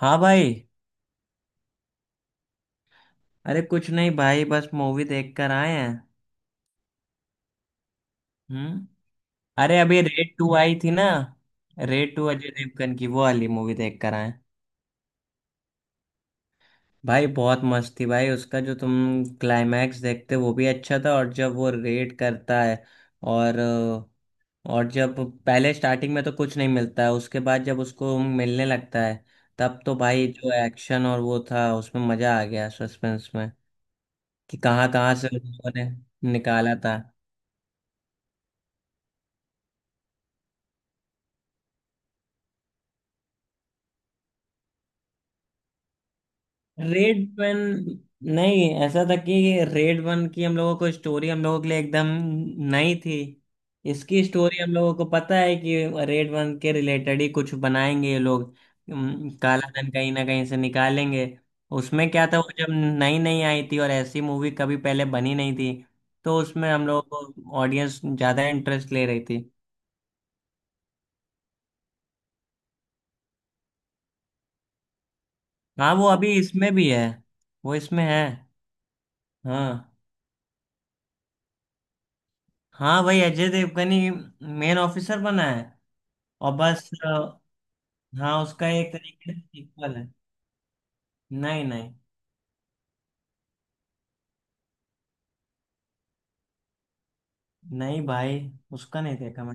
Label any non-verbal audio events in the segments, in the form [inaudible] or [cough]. हाँ भाई। अरे कुछ नहीं भाई बस मूवी देख कर आए हैं। हम्म। अरे अभी रेड टू आई थी ना। रेड टू अजय देवगन की वो वाली मूवी देख कर आए। भाई बहुत मस्त थी भाई उसका जो तुम क्लाइमैक्स देखते वो भी अच्छा था और जब वो रेड करता है और और जब पहले स्टार्टिंग में तो कुछ नहीं मिलता है उसके बाद जब उसको मिलने लगता है तब तो भाई जो एक्शन और वो था उसमें मजा आ गया सस्पेंस में कि कहाँ कहाँ से उन लोगों ने निकाला था। Red one. नहीं ऐसा था कि रेड वन की हम लोगों को स्टोरी हम लोगों के लिए एकदम नई थी। इसकी स्टोरी हम लोगों को पता है कि रेड वन के रिलेटेड ही कुछ बनाएंगे ये लोग। काला धन कहीं ना कहीं से निकालेंगे। उसमें क्या था वो जब नई नई आई थी और ऐसी मूवी कभी पहले बनी नहीं थी तो उसमें हम लोगों को ऑडियंस ज़्यादा इंटरेस्ट ले रही थी। हाँ वो अभी इसमें भी है। वो इसमें है। हाँ। हाँ भाई अजय देवगन ही मेन ऑफिसर बना है। और बस हाँ उसका एक तरीके से सीक्वल है। नहीं नहीं। नहीं भाई। उसका नहीं देखा मैं।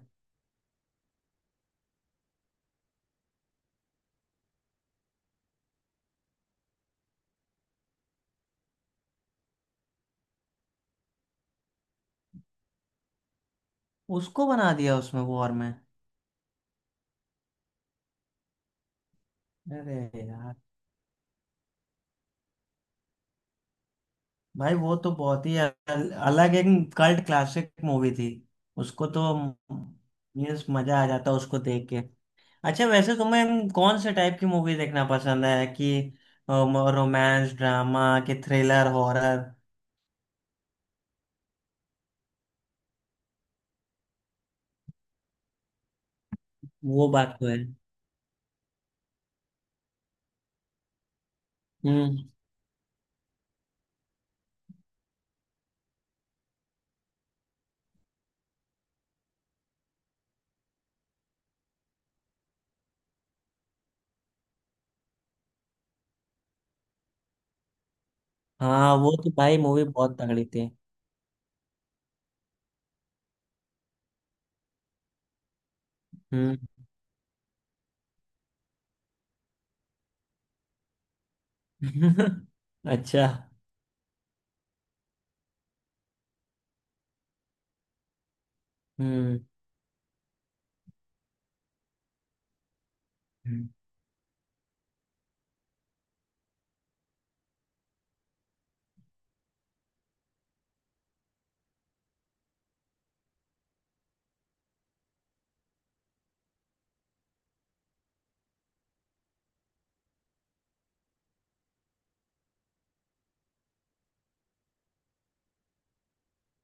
उसको बना दिया उसमें वॉर में। अरे यार। भाई वो तो बहुत ही अलग एक कल्ट क्लासिक मूवी थी। उसको तो मीन्स मजा आ जाता उसको देख के। अच्छा वैसे तुम्हें कौन से टाइप की मूवी देखना पसंद है कि रोमांस ड्रामा कि थ्रिलर हॉरर? वो बात तो है। हम्म। हाँ वो तो भाई मूवी बहुत तगड़ी थी। हम्म। [laughs] अच्छा। हम्म हम्म।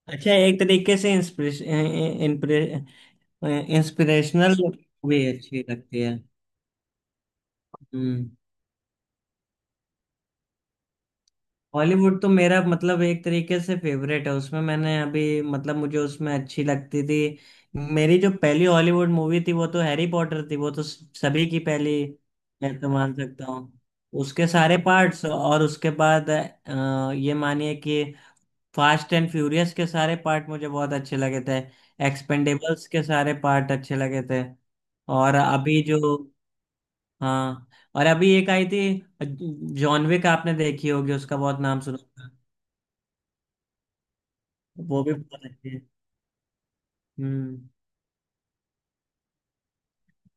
अच्छा एक तरीके से इंस्पिरेशनल भी अच्छी लगती है। हम्म। हॉलीवुड तो मेरा मतलब एक तरीके से फेवरेट है उसमें मैंने अभी मतलब मुझे उसमें अच्छी लगती थी। मेरी जो पहली हॉलीवुड मूवी थी वो तो हैरी पॉटर थी वो तो सभी की पहली। मैं तो मान सकता हूँ। उसके सारे पार्ट्स और उसके बाद ये मानिए कि फास्ट एंड फ्यूरियस के सारे पार्ट मुझे बहुत अच्छे लगे थे। एक्सपेंडेबल्स के सारे पार्ट अच्छे लगे थे। और अभी जो। हाँ। और अभी एक आई थी जॉन विक आपने देखी होगी उसका बहुत नाम सुना होगा। वो भी बहुत अच्छी है। हम्म।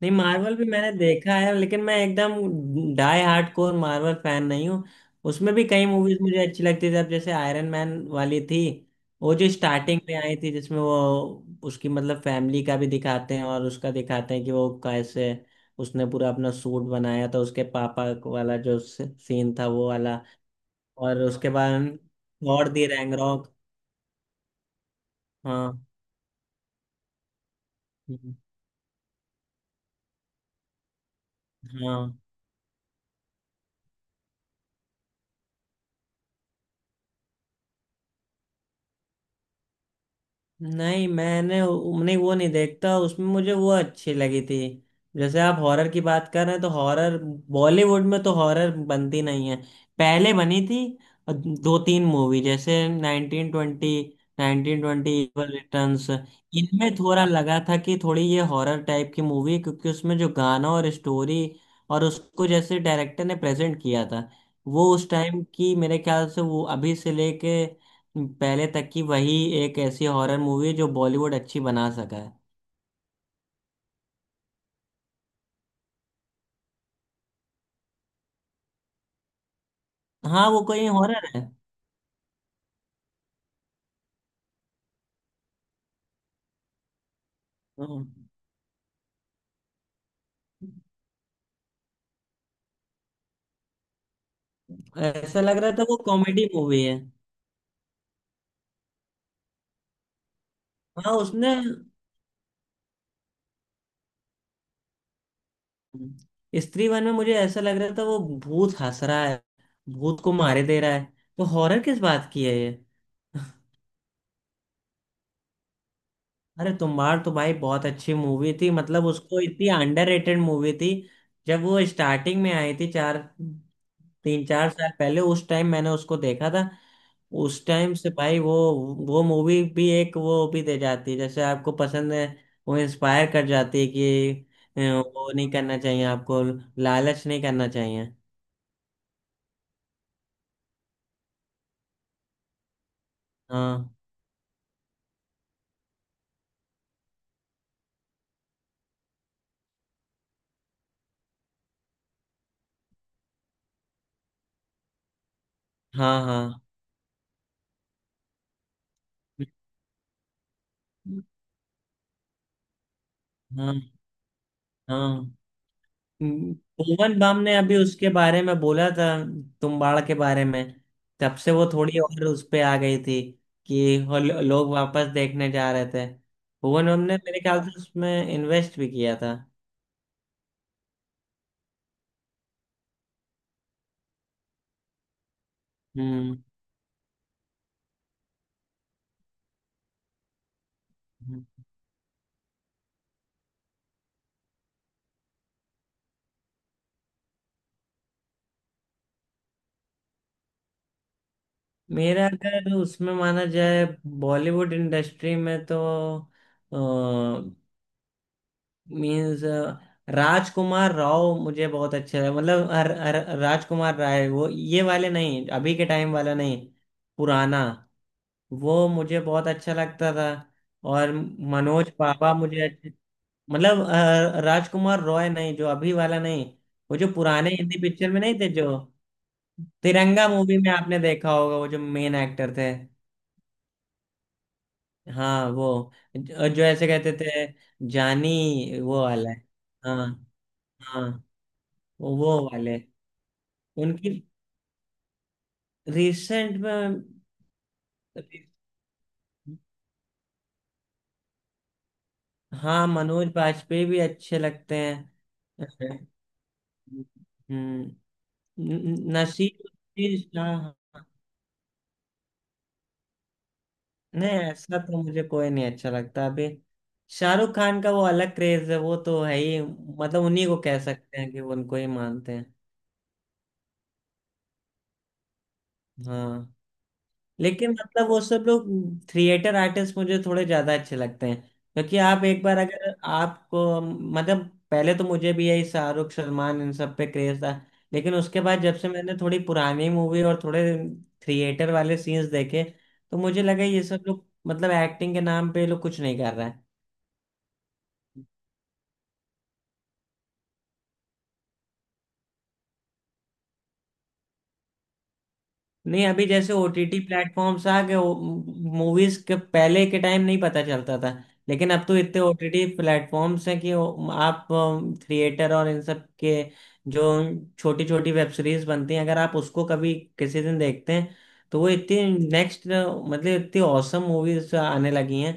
नहीं मार्वल भी मैंने देखा है लेकिन मैं एकदम डाई हार्डकोर मार्वल फैन नहीं हूँ। उसमें भी कई मूवीज मुझे अच्छी लगती थी अब जैसे आयरन मैन वाली थी। वो जो स्टार्टिंग में आई थी जिसमें वो उसकी मतलब फैमिली का भी दिखाते हैं और उसका दिखाते हैं कि वो कैसे उसने पूरा अपना सूट बनाया था उसके पापा वाला जो सीन था वो वाला। और उसके बाद थॉर दी रैग्नारोक। हाँ। हाँ। नहीं मैंने नहीं वो नहीं देखता उसमें मुझे वो अच्छी लगी थी। जैसे आप हॉरर की बात कर रहे हैं तो हॉरर बॉलीवुड में तो हॉरर बनती नहीं है पहले बनी थी दो तीन मूवी जैसे 1920, 1920 इवल रिटर्न्स, इनमें थोड़ा लगा था कि थोड़ी ये हॉरर टाइप की मूवी है, क्योंकि उसमें जो गाना और स्टोरी और उसको जैसे डायरेक्टर ने प्रेजेंट किया था वो उस टाइम की मेरे ख्याल से वो अभी से लेके पहले तक की वही एक ऐसी हॉरर मूवी जो बॉलीवुड अच्छी बना सका है। हाँ वो कोई हॉरर है। हाँ। ऐसा लग रहा था वो कॉमेडी मूवी है। हाँ उसने। स्त्री वन में मुझे ऐसा लग रहा था वो भूत हंस रहा है भूत को मारे दे रहा है। तो हॉरर किस बात की है ये? अरे तुम्बाड़ तो भाई बहुत अच्छी मूवी थी मतलब उसको इतनी अंडररेटेड मूवी थी। जब वो स्टार्टिंग में आई थी चार 3-4 साल पहले उस टाइम मैंने उसको देखा था। उस टाइम से भाई वो मूवी भी एक वो भी दे जाती है जैसे आपको पसंद है। वो इंस्पायर कर जाती है कि वो नहीं करना चाहिए आपको लालच नहीं करना चाहिए। हाँ हाँ हाँ हाँ हाँ। हम्म, भुवन बाम ने अभी उसके बारे में बोला था तुम्बाड़ के बारे में। तब से वो थोड़ी और उस पे आ गई थी कि वो लोग वापस देखने जा रहे थे। भुवन बाम ने मेरे ख्याल से उसमें इन्वेस्ट भी किया था। हम्म हम्म। मेरा अगर उसमें माना जाए बॉलीवुड इंडस्ट्री में तो मीन्स राजकुमार राव मुझे बहुत अच्छा है मतलब अर, अर, राजकुमार राय वो ये वाले नहीं अभी के टाइम वाला नहीं पुराना। वो मुझे बहुत अच्छा लगता था और मनोज बाबा मुझे अच्छे। मतलब राजकुमार रॉय नहीं जो अभी वाला नहीं। वो जो पुराने हिंदी पिक्चर में नहीं थे जो तिरंगा मूवी में आपने देखा होगा वो जो मेन एक्टर थे। हाँ वो जो ऐसे कहते थे जानी वो वाला है। हाँ। हाँ। वो वाले। उनकी। रिसेंट में। हाँ मनोज बाजपेयी भी अच्छे लगते हैं। हम्म। नसीब नसीब उद्दीन शाह। नहीं ऐसा तो मुझे कोई नहीं अच्छा लगता अभी। शाहरुख खान का वो अलग क्रेज है वो तो है ही मतलब उन्हीं को कह सकते हैं कि वो उनको ही मानते हैं। हाँ लेकिन मतलब वो सब लोग थिएटर आर्टिस्ट मुझे थोड़े ज्यादा अच्छे लगते हैं। क्योंकि आप एक बार अगर आपको मतलब पहले तो मुझे भी यही शाहरुख सलमान इन सब पे क्रेज था। लेकिन उसके बाद जब से मैंने थोड़ी पुरानी मूवी और थोड़े थिएटर वाले सीन्स देखे तो मुझे लगा ये सब लोग मतलब एक्टिंग के नाम पे ये लोग कुछ नहीं कर रहा है। नहीं अभी जैसे ओटीटी प्लेटफॉर्म्स आ गए मूवीज के पहले के टाइम नहीं पता चलता था। लेकिन अब तो इतने ओटीटी प्लेटफॉर्म्स हैं कि आप थिएटर और इन सब के जो छोटी छोटी वेब सीरीज बनती हैं अगर आप उसको कभी किसी दिन देखते हैं तो वो इतनी नेक्स्ट मतलब इतनी औसम मूवीज आने लगी हैं।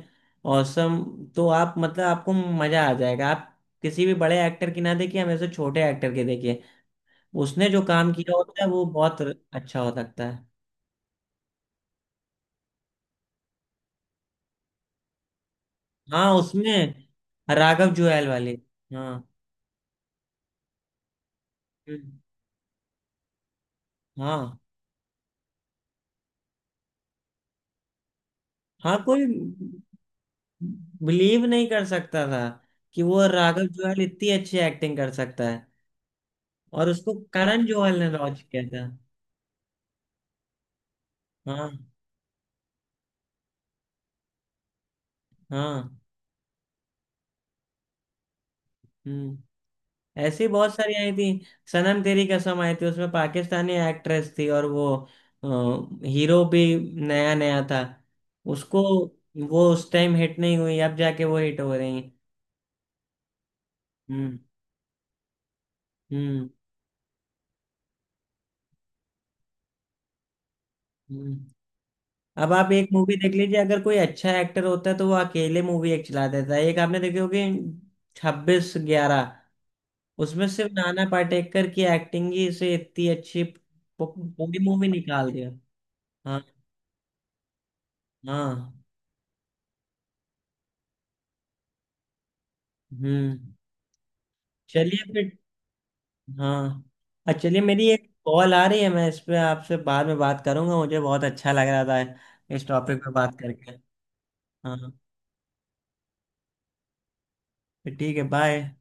औसम। तो आप मतलब आपको मजा आ जाएगा आप किसी भी बड़े एक्टर की ना देखिए हमेशा छोटे एक्टर की देखिए। उसने जो काम किया होता है वो बहुत अच्छा हो सकता है। हाँ उसमें राघव जुएल वाली। हाँ। हम्म। हाँ। हाँ कोई बिलीव नहीं कर सकता था कि वो राघव जुएल इतनी अच्छी एक्टिंग कर सकता है। और उसको करण जौहर ने लॉन्च किया था। हाँ। हाँ। हम्म। ऐसी बहुत सारी आई थी सनम तेरी कसम आई थी उसमें पाकिस्तानी एक्ट्रेस थी और वो हीरो भी नया नया था। उसको वो उस टाइम हिट नहीं हुई अब जाके वो हिट हो रही हैं। हम्म हम्म हम्म। अब आप एक मूवी देख लीजिए अगर कोई अच्छा एक्टर होता है तो वो अकेले मूवी एक चला देता है एक आपने देखी होगी 26/11। उसमें सिर्फ नाना पाटेकर की एक्टिंग ही से इतनी अच्छी पूरी मूवी निकाल दिया। हाँ। हाँ। हम्म। चलिए फिर। हाँ। चलिए मेरी एक कॉल आ रही है मैं इस पे आपसे बाद में बात करूंगा मुझे बहुत अच्छा लग रहा था इस टॉपिक पे बात करके। हाँ। फिर ठीक है बाय।